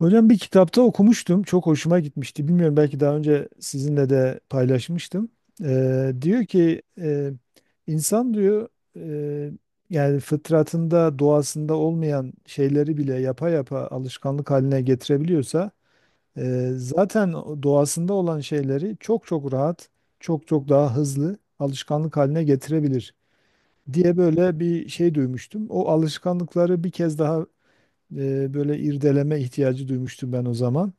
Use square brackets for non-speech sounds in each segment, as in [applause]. Hocam bir kitapta okumuştum. Çok hoşuma gitmişti. Bilmiyorum, belki daha önce sizinle de paylaşmıştım. Diyor ki insan diyor e, yani fıtratında, doğasında olmayan şeyleri bile yapa yapa alışkanlık haline getirebiliyorsa zaten o doğasında olan şeyleri çok çok rahat, çok çok daha hızlı alışkanlık haline getirebilir diye böyle bir şey duymuştum. O alışkanlıkları bir kez daha böyle irdeleme ihtiyacı duymuştum ben o zaman.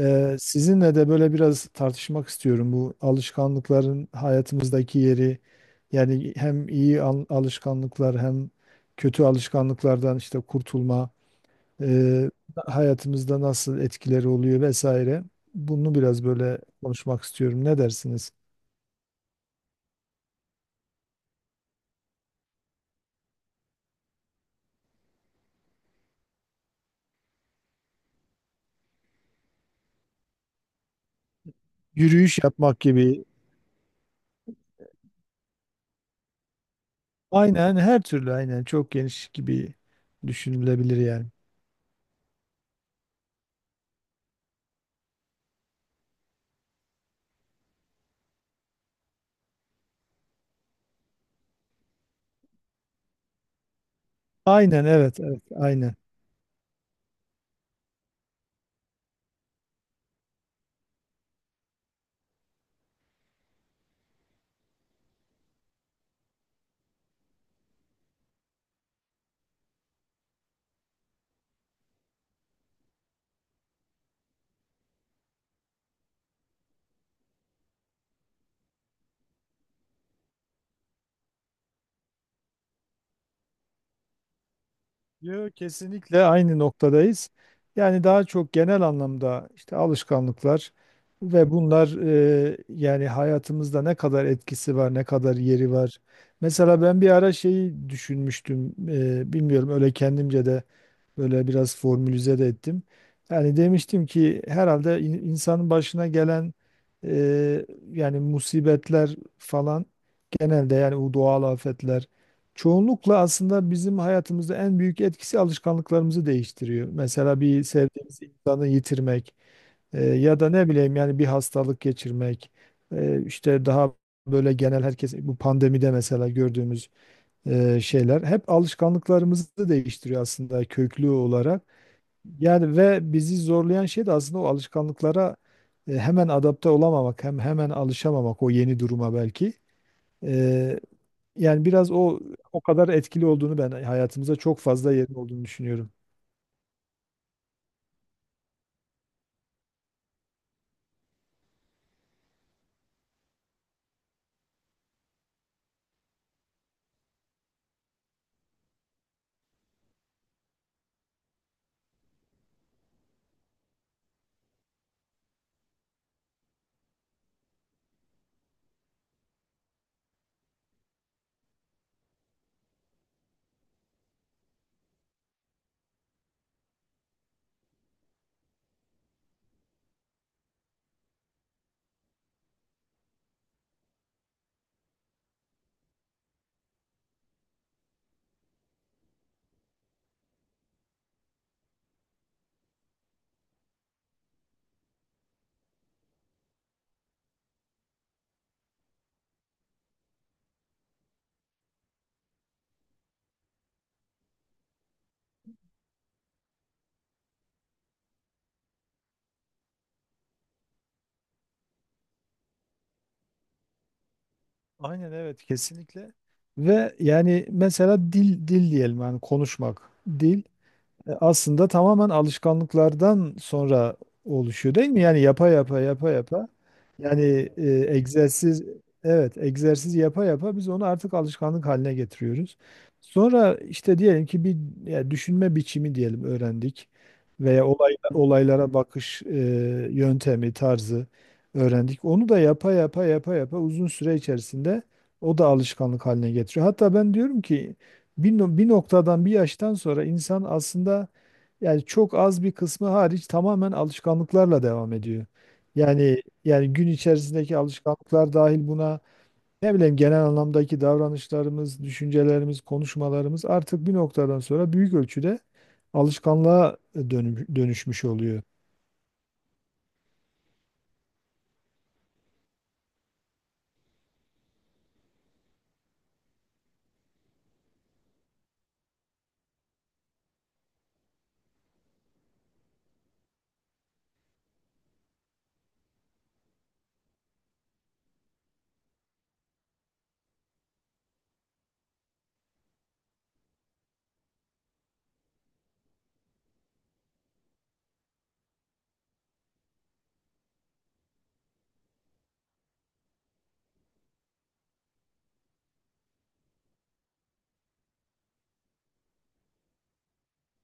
Sizinle de böyle biraz tartışmak istiyorum bu alışkanlıkların hayatımızdaki yeri. Yani hem iyi alışkanlıklar hem kötü alışkanlıklardan işte kurtulma, e, hayatımızda nasıl etkileri oluyor vesaire. Bunu biraz böyle konuşmak istiyorum. Ne dersiniz? Yürüyüş yapmak gibi. Aynen, her türlü, aynen, çok geniş gibi düşünülebilir yani. Aynen, evet evet, aynen. Yo, kesinlikle aynı noktadayız. Yani daha çok genel anlamda işte alışkanlıklar ve bunlar yani hayatımızda ne kadar etkisi var, ne kadar yeri var. Mesela ben bir ara şeyi düşünmüştüm, bilmiyorum, öyle kendimce de böyle biraz formülize de ettim. Yani demiştim ki herhalde insanın başına gelen e, yani musibetler falan, genelde yani bu doğal afetler, çoğunlukla aslında bizim hayatımızda en büyük etkisi alışkanlıklarımızı değiştiriyor. Mesela bir sevdiğimiz insanı yitirmek, ya da ne bileyim yani bir hastalık geçirmek, işte daha böyle genel herkes bu pandemide mesela gördüğümüz şeyler hep alışkanlıklarımızı da değiştiriyor aslında köklü olarak. Yani ve bizi zorlayan şey de aslında o alışkanlıklara hemen adapte olamamak, hemen alışamamak o yeni duruma belki. E, Yani biraz o kadar etkili olduğunu, ben hayatımıza çok fazla yerin olduğunu düşünüyorum. Aynen, evet, kesinlikle. Ve yani mesela dil diyelim, yani konuşmak. Dil aslında tamamen alışkanlıklardan sonra oluşuyor değil mi? Yani yapa yapa yapa yapa, yani egzersiz, evet, egzersiz yapa yapa biz onu artık alışkanlık haline getiriyoruz. Sonra işte diyelim ki bir, ya düşünme biçimi diyelim, öğrendik veya olaylara bakış yöntemi, tarzı öğrendik. Onu da yapa yapa yapa yapa uzun süre içerisinde o da alışkanlık haline getiriyor. Hatta ben diyorum ki bir, no- bir noktadan, bir yaştan sonra insan aslında yani çok az bir kısmı hariç tamamen alışkanlıklarla devam ediyor. Yani gün içerisindeki alışkanlıklar dahil buna, ne bileyim genel anlamdaki davranışlarımız, düşüncelerimiz, konuşmalarımız artık bir noktadan sonra büyük ölçüde alışkanlığa dönüşmüş oluyor.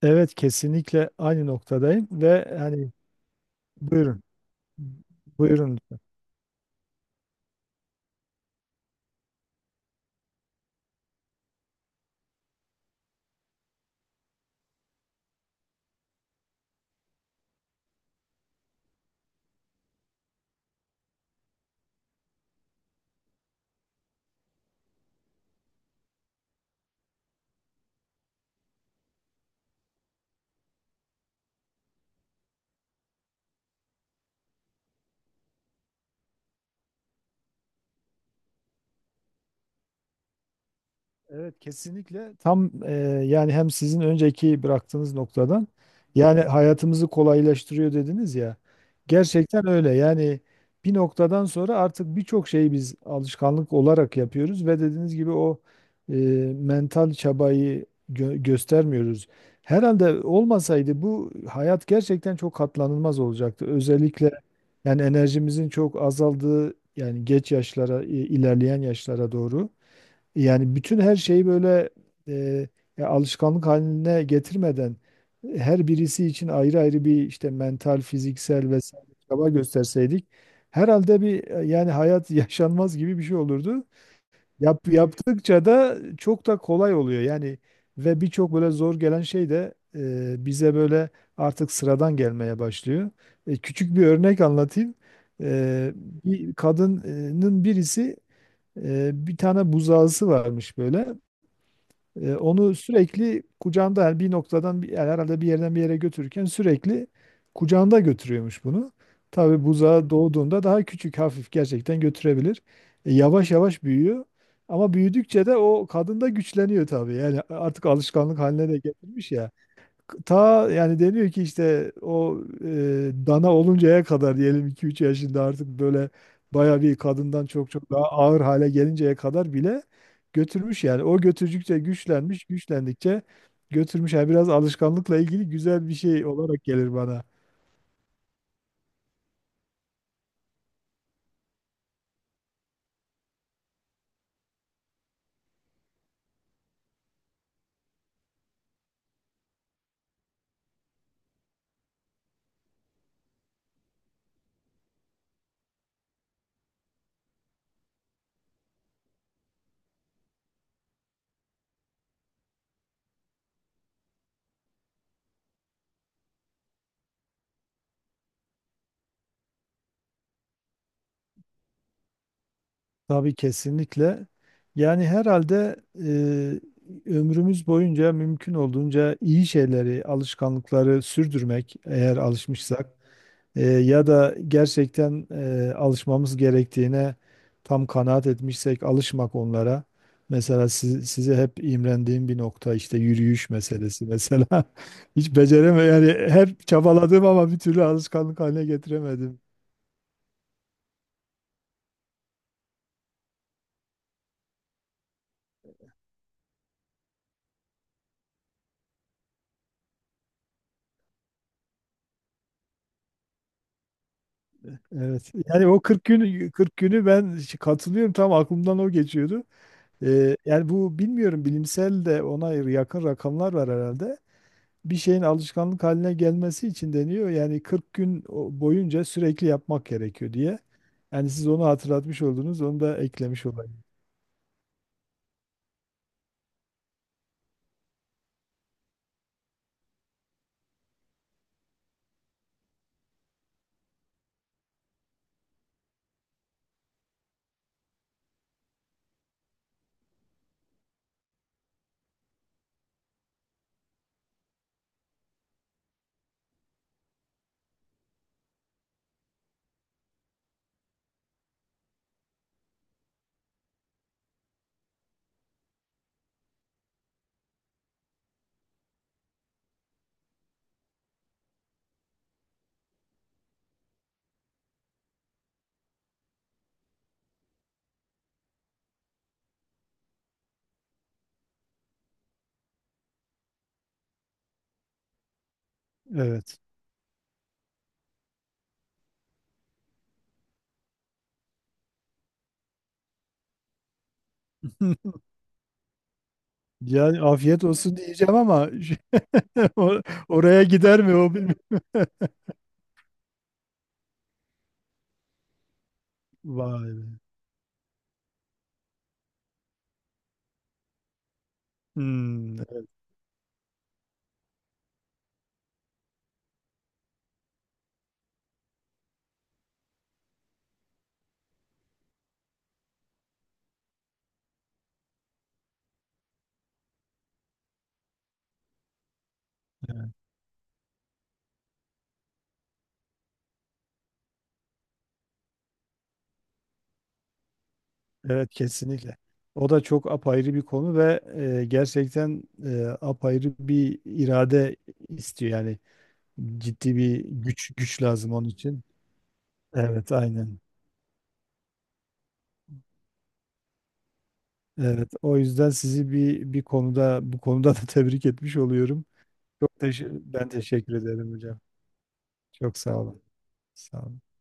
Evet, kesinlikle aynı noktadayım ve hani buyurun. Buyurun. Evet, kesinlikle tam yani hem sizin önceki bıraktığınız noktadan, yani hayatımızı kolaylaştırıyor dediniz ya. Gerçekten öyle yani, bir noktadan sonra artık birçok şeyi biz alışkanlık olarak yapıyoruz ve dediğiniz gibi o e, mental çabayı göstermiyoruz. Herhalde olmasaydı bu hayat gerçekten çok katlanılmaz olacaktı. Özellikle yani enerjimizin çok azaldığı, yani geç yaşlara, ilerleyen yaşlara doğru. Yani bütün her şeyi böyle e, ya alışkanlık haline getirmeden her birisi için ayrı ayrı bir işte mental, fiziksel vesaire çaba gösterseydik herhalde bir yani hayat [laughs] yaşanmaz gibi bir şey olurdu. Yaptıkça da çok da kolay oluyor. Yani ve birçok böyle zor gelen şey de bize böyle artık sıradan gelmeye başlıyor. Küçük bir örnek anlatayım. E, Bir kadının birisi, bir tane buzağısı varmış böyle. Onu sürekli kucağında, yani yani herhalde bir yerden bir yere götürürken sürekli kucağında götürüyormuş bunu. Tabii buzağı doğduğunda daha küçük, hafif, gerçekten götürebilir. Yavaş yavaş büyüyor. Ama büyüdükçe de o kadın da güçleniyor tabii. Yani artık alışkanlık haline de getirmiş ya. Ta yani deniyor ki işte o dana oluncaya kadar, diyelim iki üç yaşında, artık böyle baya, bir kadından çok çok daha ağır hale gelinceye kadar bile götürmüş yani. O götürdükçe güçlenmiş, güçlendikçe götürmüş. Yani biraz alışkanlıkla ilgili güzel bir şey olarak gelir bana. Tabii, kesinlikle. Yani herhalde ömrümüz boyunca mümkün olduğunca iyi şeyleri, alışkanlıkları sürdürmek, eğer alışmışsak. Ya da gerçekten alışmamız gerektiğine tam kanaat etmişsek alışmak onlara. Mesela size hep imrendiğim bir nokta işte yürüyüş meselesi mesela. [laughs] Hiç becereme, yani hep çabaladım ama bir türlü alışkanlık haline getiremedim. Evet. Yani o 40 40 günü ben katılıyorum, tam aklımdan o geçiyordu. Yani bu bilmiyorum, bilimsel de ona yakın rakamlar var herhalde, bir şeyin alışkanlık haline gelmesi için deniyor. Yani 40 gün boyunca sürekli yapmak gerekiyor diye. Yani siz onu hatırlatmış oldunuz, onu da eklemiş olayım. Evet. [laughs] Yani afiyet olsun diyeceğim ama [laughs] o- oraya gider mi o, bilmiyorum. Vay be. Hmm, evet, kesinlikle. O da çok apayrı bir konu ve gerçekten apayrı bir irade istiyor, yani ciddi bir güç lazım onun için. Evet, aynen. Evet, o yüzden sizi bir konuda, bu konuda da tebrik etmiş oluyorum. Çok teşekkür, ben teşekkür ederim hocam. Çok sağ olun. Sağ olun.